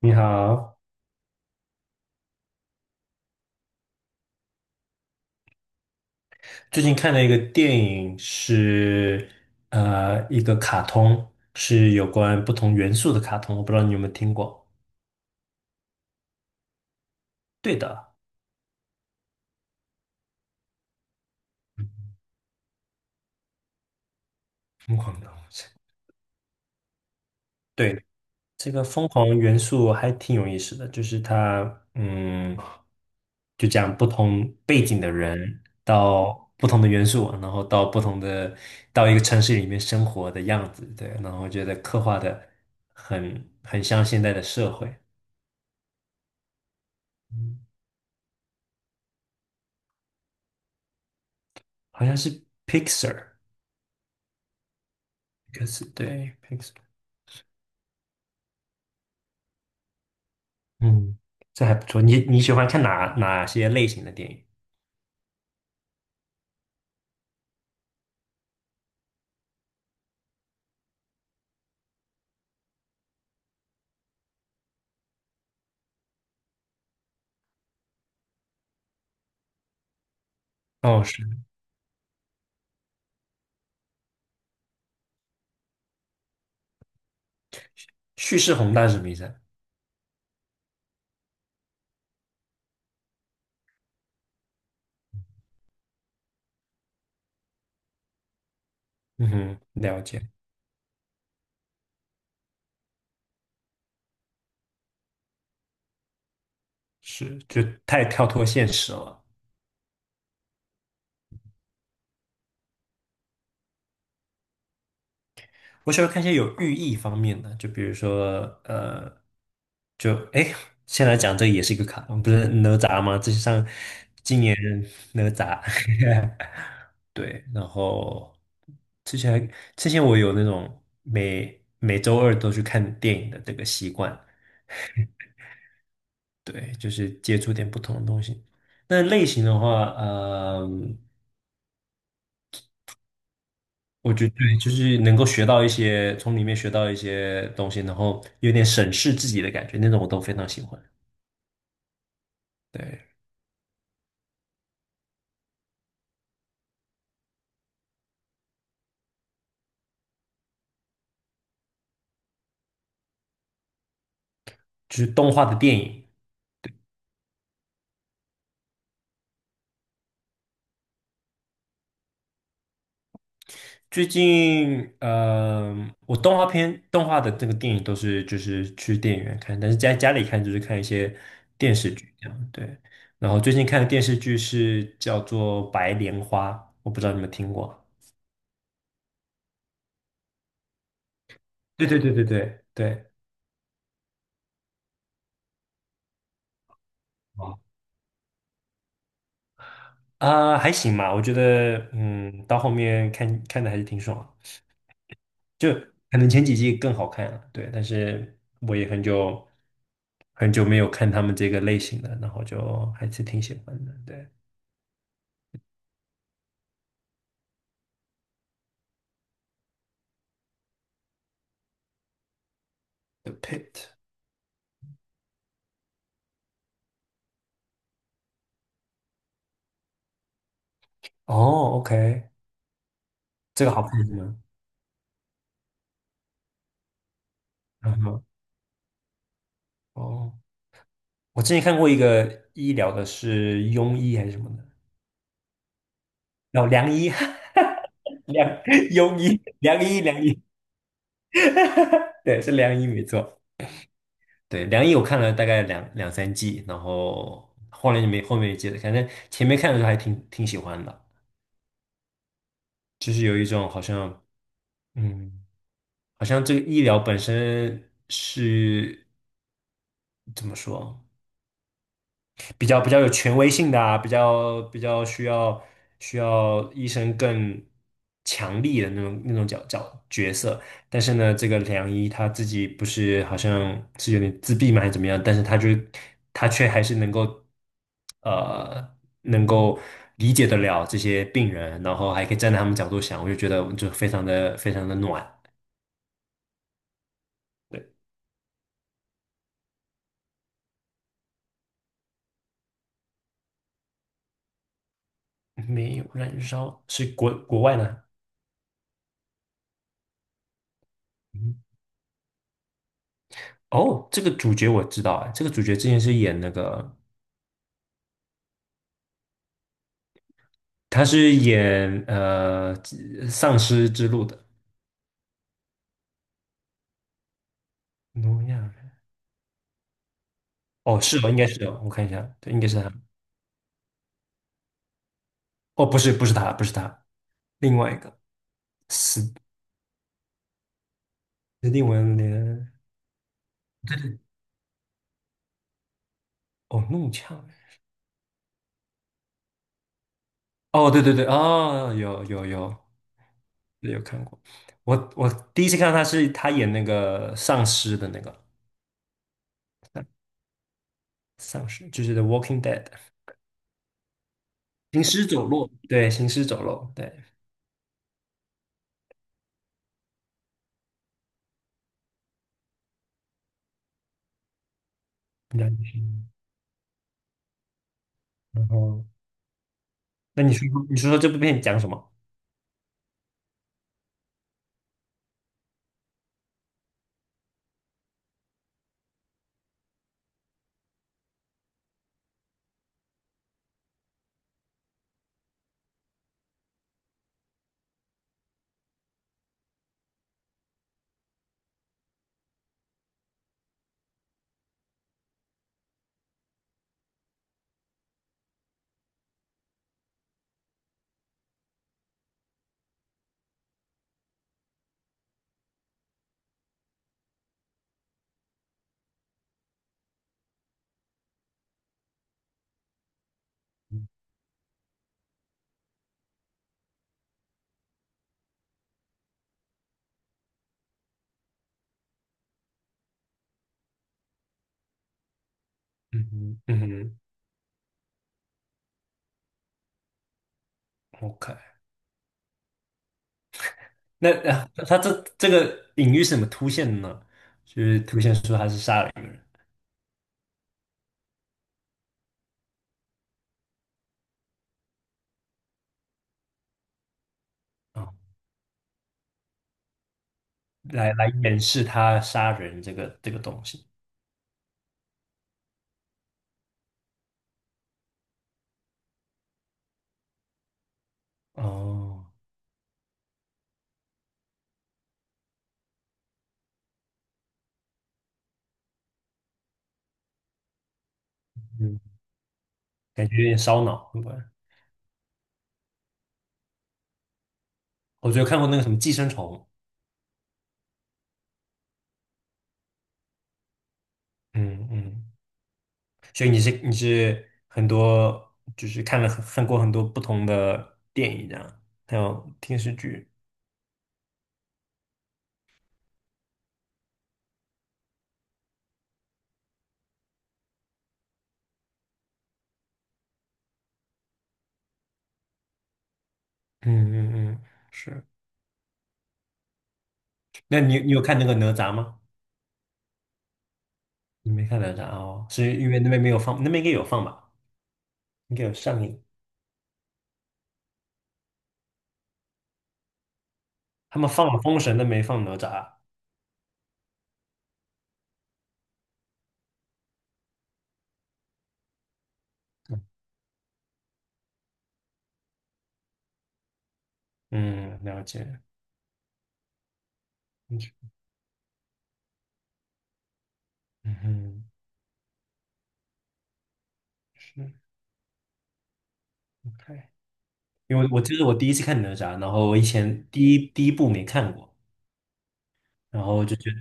你好。最近看了一个电影，是，一个卡通，是有关不同元素的卡通，我不知道你有没有听过。对的。疯狂的东西。对，这个疯狂元素还挺有意思的，就是它，就讲不同背景的人到不同的元素，然后到不同的到一个城市里面生活的样子。对，然后我觉得刻画的很像现在的社会。好像是 Pixar，p i x a r， 对 Pixar。嗯，这还不错。你喜欢看哪些类型的电影？哦，是。叙事宏大是什么意思啊？嗯哼，了解。是，就太跳脱现实了。我喜欢看一些有寓意方面的，就比如说就哎，现在讲这也是一个卡通，不是哪吒吗？这是上今年哪吒，对。然后之前还之前我有那种每周二都去看电影的这个习惯。对，就是接触点不同的东西。那类型的话，我觉得对就是能够学到一些，从里面学到一些东西，然后有点审视自己的感觉，那种我都非常喜欢。对，就是动画的电影。最近，我动画的这个电影都是就是去电影院看，但是在家里看就是看一些电视剧这样，对。然后最近看的电视剧是叫做《白莲花》，我不知道你们听过。对对对对对对。哦啊、还行吧，我觉得，到后面看看的还是挺爽的。就可能前几季更好看了，对。但是我也很久很久没有看他们这个类型的，然后就还是挺喜欢的，对。The Pit。哦，OK。这个好看是吗？嗯哼，哦，我之前看过一个医疗的，是庸医还是什么的。哦，良医，良庸医，良医，良医。对，是良医没错。对，良医我看了大概两三季，然后后来就没后面也接着反正前面看的时候还挺喜欢的。就是有一种好像，嗯，好像这个医疗本身是怎么说？比较有权威性的啊，比较需要医生更强力的那种角色。但是呢，这个良医他自己不是好像是有点自闭嘛，还是怎么样？但是他却还是呃能够理解得了这些病人，然后还可以站在他们角度想，我就觉得就非常的非常的暖。对。没有，燃烧是国外呢。嗯，哦，这个主角我知道，哎，这个主角之前是演那个他是演丧尸之路的挪亚人。哦，是哦，应该是哦，我看一下，对，应该是他。哦，不是，不是他，不是他，另外一个，斯斯蒂文连。哦，弄呛人。哦，对对对，哦，有有有，对有看过。我第一次看到他是他演那个丧尸的那个丧尸，就是《The Walking Dead》行尸走肉，对，行尸走肉，对。然后，然后那你说说这部片讲什么？嗯哼，嗯哼，OK。那啊，他这个隐喻是怎么凸现的呢？就是凸现出他是杀了一个人啊，来掩饰他杀人这个东西。哦，嗯，感觉有点烧脑，对吧？我觉得看过那个什么《寄生虫》。嗯嗯，所以你是很多，就是看过很多不同的电影这样，还有电视剧。嗯嗯嗯，是。那你有看那个哪吒吗？你没看哪吒哦，是因为那边没有放，那边应该有放吧？应该有上映。他们放了封神，但没放哪吒。嗯，了解。嗯哼，是。 OK。因为我记得我第一次看哪吒，然后我以前第一部没看过，然后就觉得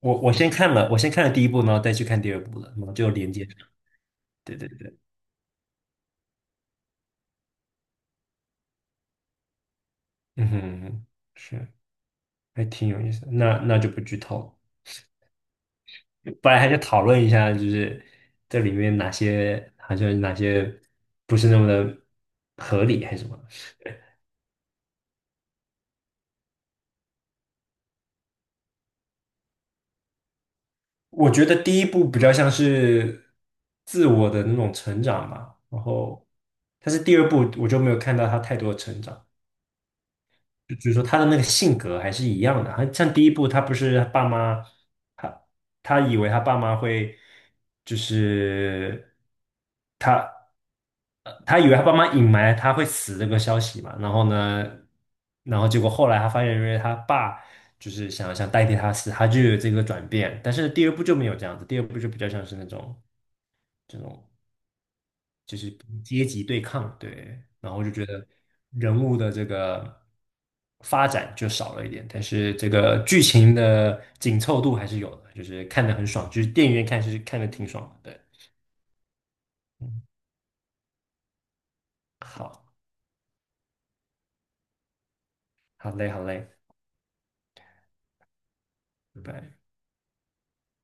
我先看了，第一部，然后再去看第二部了，然后就连接上。对对对。嗯哼，是，还挺有意思的。那就不剧透。本来还想讨论一下，就是这里面哪些不是那么的合理，还是什么？我觉得第一部比较像是自我的那种成长吧。然后，但是第二部我就没有看到他太多的成长，就是说他的那个性格还是一样的。他像第一部，他不是他爸妈，他他以为他爸妈会就是。他。他以为他爸妈隐瞒他会死这个消息嘛，然后呢，结果后来他发现，因为他爸就是想代替他死，他就有这个转变。但是第二部就没有这样子，第二部就比较像是那种这种就是阶级对抗，对。然后我就觉得人物的这个发展就少了一点，但是这个剧情的紧凑度还是有的，就是看得很爽，就是电影院看是看的挺爽的，对。嗯，好，好嘞，好嘞，拜拜。